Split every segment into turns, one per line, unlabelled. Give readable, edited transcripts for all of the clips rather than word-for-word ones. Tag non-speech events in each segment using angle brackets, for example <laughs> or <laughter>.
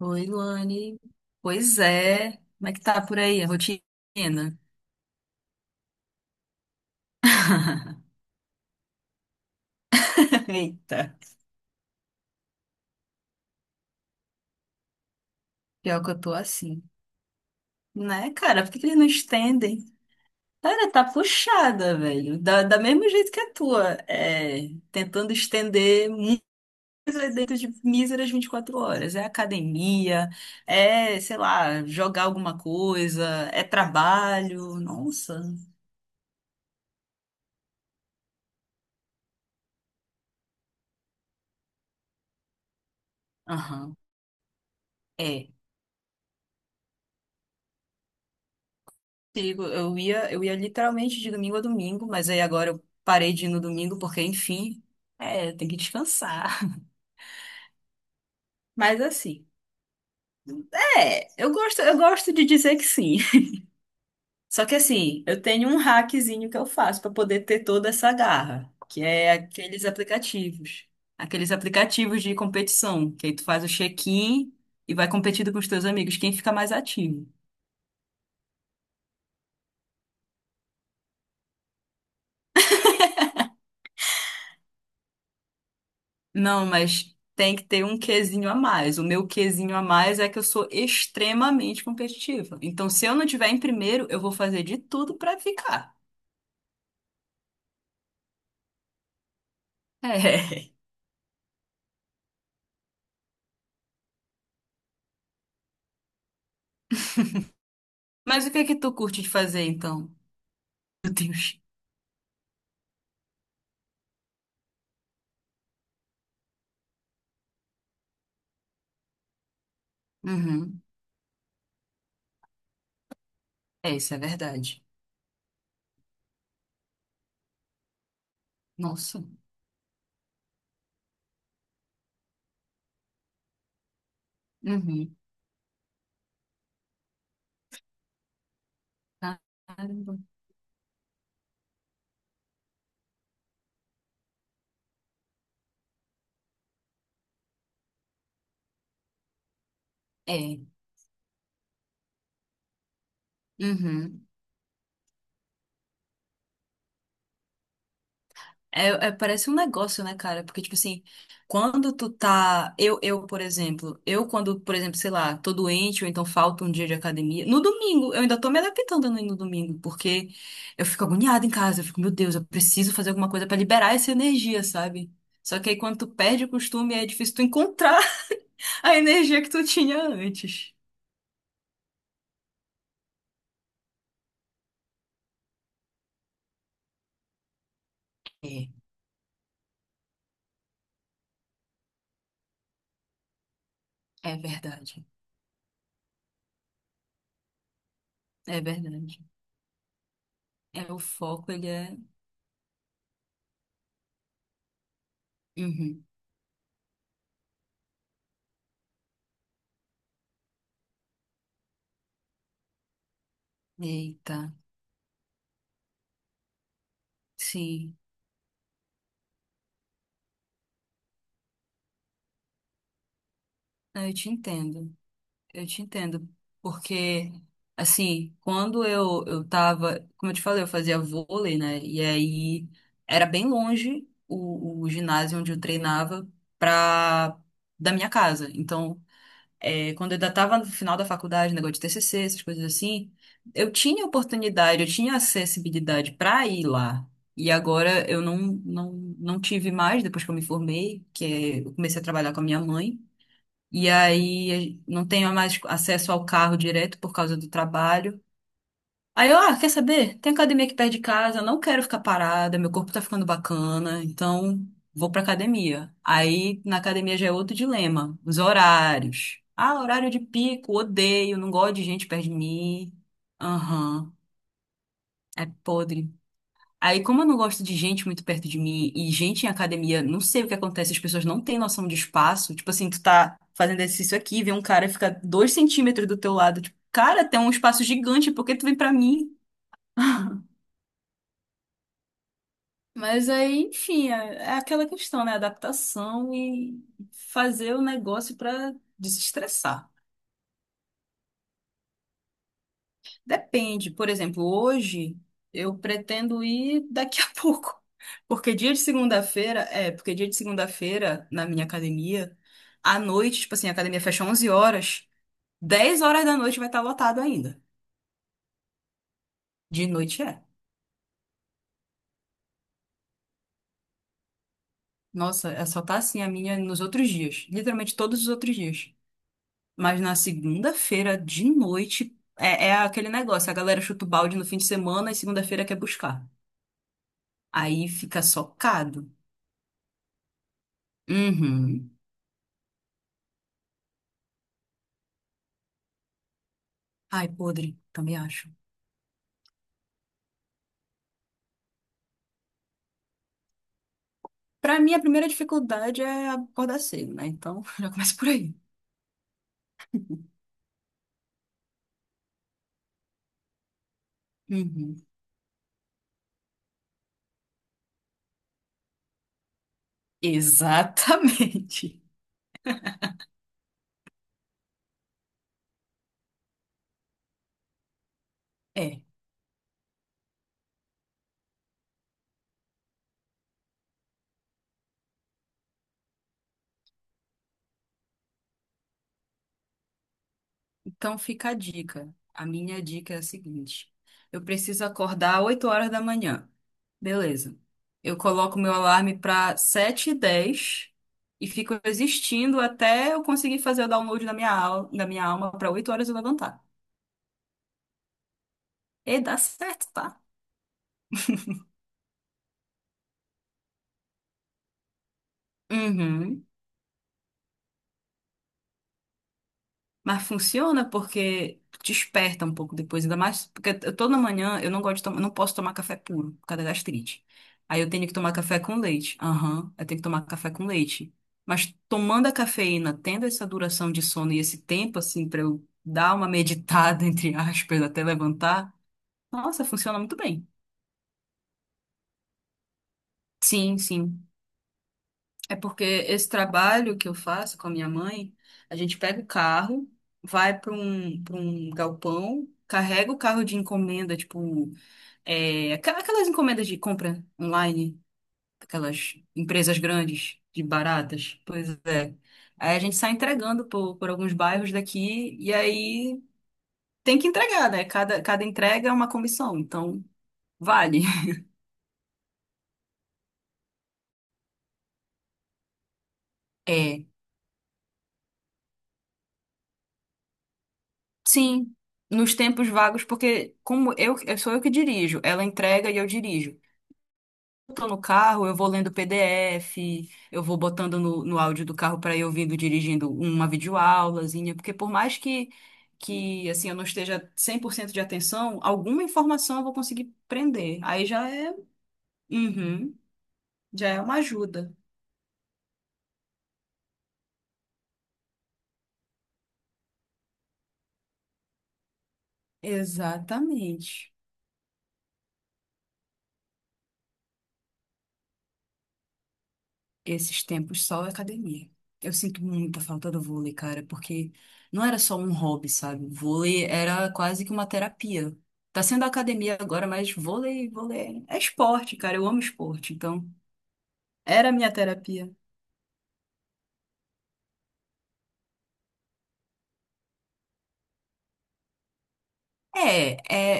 Oi, Luane. Pois é. Como é que tá por aí a rotina? <laughs> Eita. Pior que eu tô assim. Né, cara? Por que que eles não estendem? Cara, tá puxada, velho. Da mesmo jeito que a tua. É, tentando estender muito dentro de míseras 24 horas. É academia, é, sei lá, jogar alguma coisa, é trabalho. Nossa. Aham. É. Sigo. Eu ia literalmente de domingo a domingo, mas aí agora eu parei de ir no domingo porque, enfim, é, tem que descansar. <laughs> Mas assim, é, eu gosto de dizer que sim. Só que assim, eu tenho um hackzinho que eu faço para poder ter toda essa garra, que é aqueles aplicativos de competição, que aí tu faz o check-in e vai competindo com os teus amigos, quem fica mais ativo. Não, mas tem que ter um quezinho a mais. O meu quezinho a mais é que eu sou extremamente competitiva. Então, se eu não tiver em primeiro, eu vou fazer de tudo pra ficar. É. <laughs> Mas o que é que tu curte de fazer, então? Meu Deus. Uhum. É, isso é verdade. Nossa. Uhum. Caramba. É. Uhum. É, parece um negócio, né, cara? Porque, tipo assim, quando tu tá. Eu, por exemplo, eu quando, por exemplo, sei lá, tô doente ou então falta um dia de academia. No domingo, eu ainda tô me adaptando a não ir no domingo, porque eu fico agoniada em casa. Eu fico, meu Deus, eu preciso fazer alguma coisa pra liberar essa energia, sabe? Só que aí quando tu perde o costume, é difícil tu encontrar <laughs> a energia que tu tinha antes. É, é verdade. É verdade. É, o foco, ele é. Uhum. Eita. Sim. Ah, eu te entendo. Eu te entendo, porque assim, quando eu tava, como eu te falei, eu fazia vôlei, né? E aí era bem longe o ginásio onde eu treinava pra da minha casa. Então, é, quando eu ainda tava no final da faculdade, negócio de TCC, essas coisas assim, eu tinha oportunidade, eu tinha acessibilidade pra ir lá. E agora eu não tive mais, depois que eu me formei, que é, eu comecei a trabalhar com a minha mãe. E aí não tenho mais acesso ao carro direto por causa do trabalho. Aí eu, ah, quer saber? Tem academia aqui perto de casa, não quero ficar parada, meu corpo tá ficando bacana, então vou pra academia. Aí na academia já é outro dilema, os horários. Ah, horário de pico, odeio, não gosto de gente perto de mim. Aham, é podre. Aí, como eu não gosto de gente muito perto de mim e gente em academia, não sei o que acontece, as pessoas não têm noção de espaço. Tipo assim, tu tá fazendo exercício aqui, vem um cara fica 2 centímetros do teu lado. Tipo, cara, tem um espaço gigante, por que tu vem pra mim? <laughs> Mas aí, enfim, é, aquela questão, né? Adaptação e fazer o negócio pra desestressar. Depende. Por exemplo, hoje eu pretendo ir daqui a <laughs> pouco. Porque dia de segunda-feira na minha academia, à noite, tipo assim, a academia fecha 11 horas. 10 horas da noite vai estar lotado ainda. De noite é. Nossa, é só tá assim a minha nos outros dias, literalmente todos os outros dias. Mas na segunda-feira de noite é aquele negócio, a galera chuta o balde no fim de semana e segunda-feira quer buscar. Aí fica socado. Uhum. Ai, podre, também acho. Pra mim, a primeira dificuldade é acordar cedo, né? Então, <laughs> já começa por aí. Uhum. Exatamente. <laughs> É. Então, fica a dica. A minha dica é a seguinte: eu preciso acordar 8 horas da manhã. Beleza. Eu coloco meu alarme para sete h 10 e fico existindo até eu conseguir fazer o download da minha alma para 8 horas eu levantar. E dá certo, tá? Uhum. Mas funciona porque desperta um pouco depois, ainda mais porque toda manhã eu não gosto de tomar, não posso tomar café puro por causa da gastrite. Aí eu tenho que tomar café com leite. Aham, eu tenho que tomar café com leite. Mas tomando a cafeína, tendo essa duração de sono e esse tempo assim pra eu dar uma meditada <laughs> entre aspas até levantar, nossa, funciona muito bem. Sim, sim. É porque esse trabalho que eu faço com a minha mãe, a gente pega o carro, vai para um galpão, carrega o carro de encomenda, tipo, aquelas encomendas de compra online, aquelas empresas grandes, de baratas. Pois é. Aí a gente sai entregando por alguns bairros daqui, e aí tem que entregar, né? Cada entrega é uma comissão, então vale. <laughs> Sim, nos tempos vagos, porque como eu sou eu que dirijo, ela entrega e eu dirijo. Eu tô no carro, eu vou lendo PDF, eu vou botando no áudio do carro para ir ouvindo dirigindo uma videoaulazinha, porque por mais que assim eu não esteja 100% de atenção, alguma informação eu vou conseguir prender. Aí já é, uhum, já é uma ajuda. Exatamente. Esses tempos só academia. Eu sinto muita falta do vôlei, cara, porque não era só um hobby, sabe? Vôlei era quase que uma terapia. Tá sendo academia agora, mas vôlei, vôlei é esporte, cara. Eu amo esporte, então era a minha terapia. É,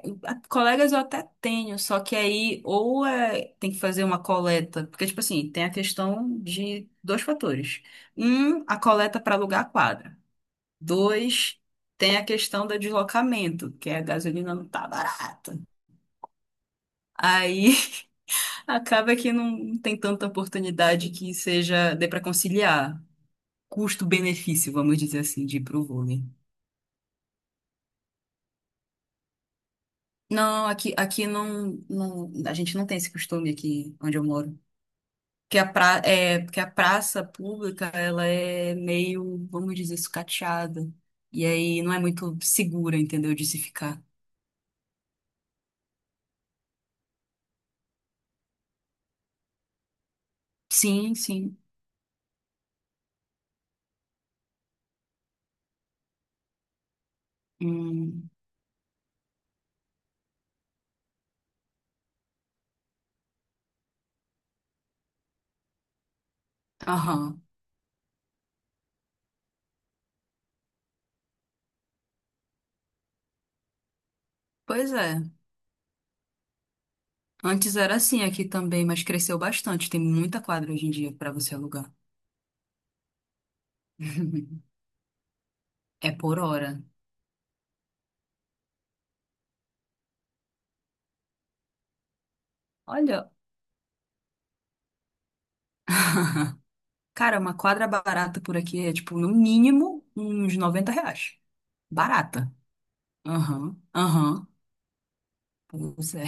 colegas eu até tenho, só que aí ou é, tem que fazer uma coleta, porque, tipo assim, tem a questão de dois fatores. Um, a coleta para alugar a quadra. Dois, tem a questão do deslocamento, que a gasolina não tá barata. Aí <laughs> acaba que não tem tanta oportunidade que seja dê para conciliar custo-benefício, vamos dizer assim, de ir pro vôlei. Não, aqui não, não, a gente não tem esse costume aqui onde eu moro. Que a, pra, é, porque a praça pública, ela é meio, vamos dizer, sucateada. E aí não é muito segura, entendeu, de se ficar. Sim, sim. Hum, aham. Pois é. Antes era assim aqui também, mas cresceu bastante. Tem muita quadra hoje em dia para você alugar. <laughs> É por hora. Olha. <laughs> Cara, uma quadra barata por aqui é tipo, no mínimo, uns 90 reais. Barata. Aham, aham. Pois é,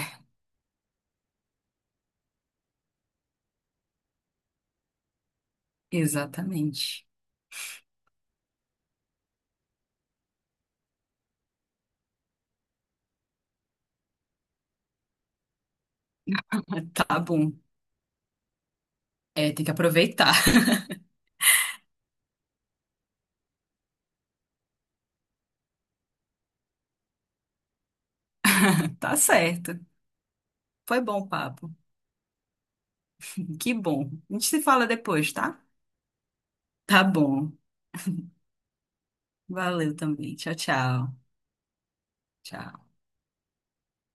exatamente. <laughs> Tá bom. É, tem que aproveitar. <laughs> Tá certo. Foi bom o papo. Que bom. A gente se fala depois, tá? Tá bom. Valeu também. Tchau, tchau. Tchau.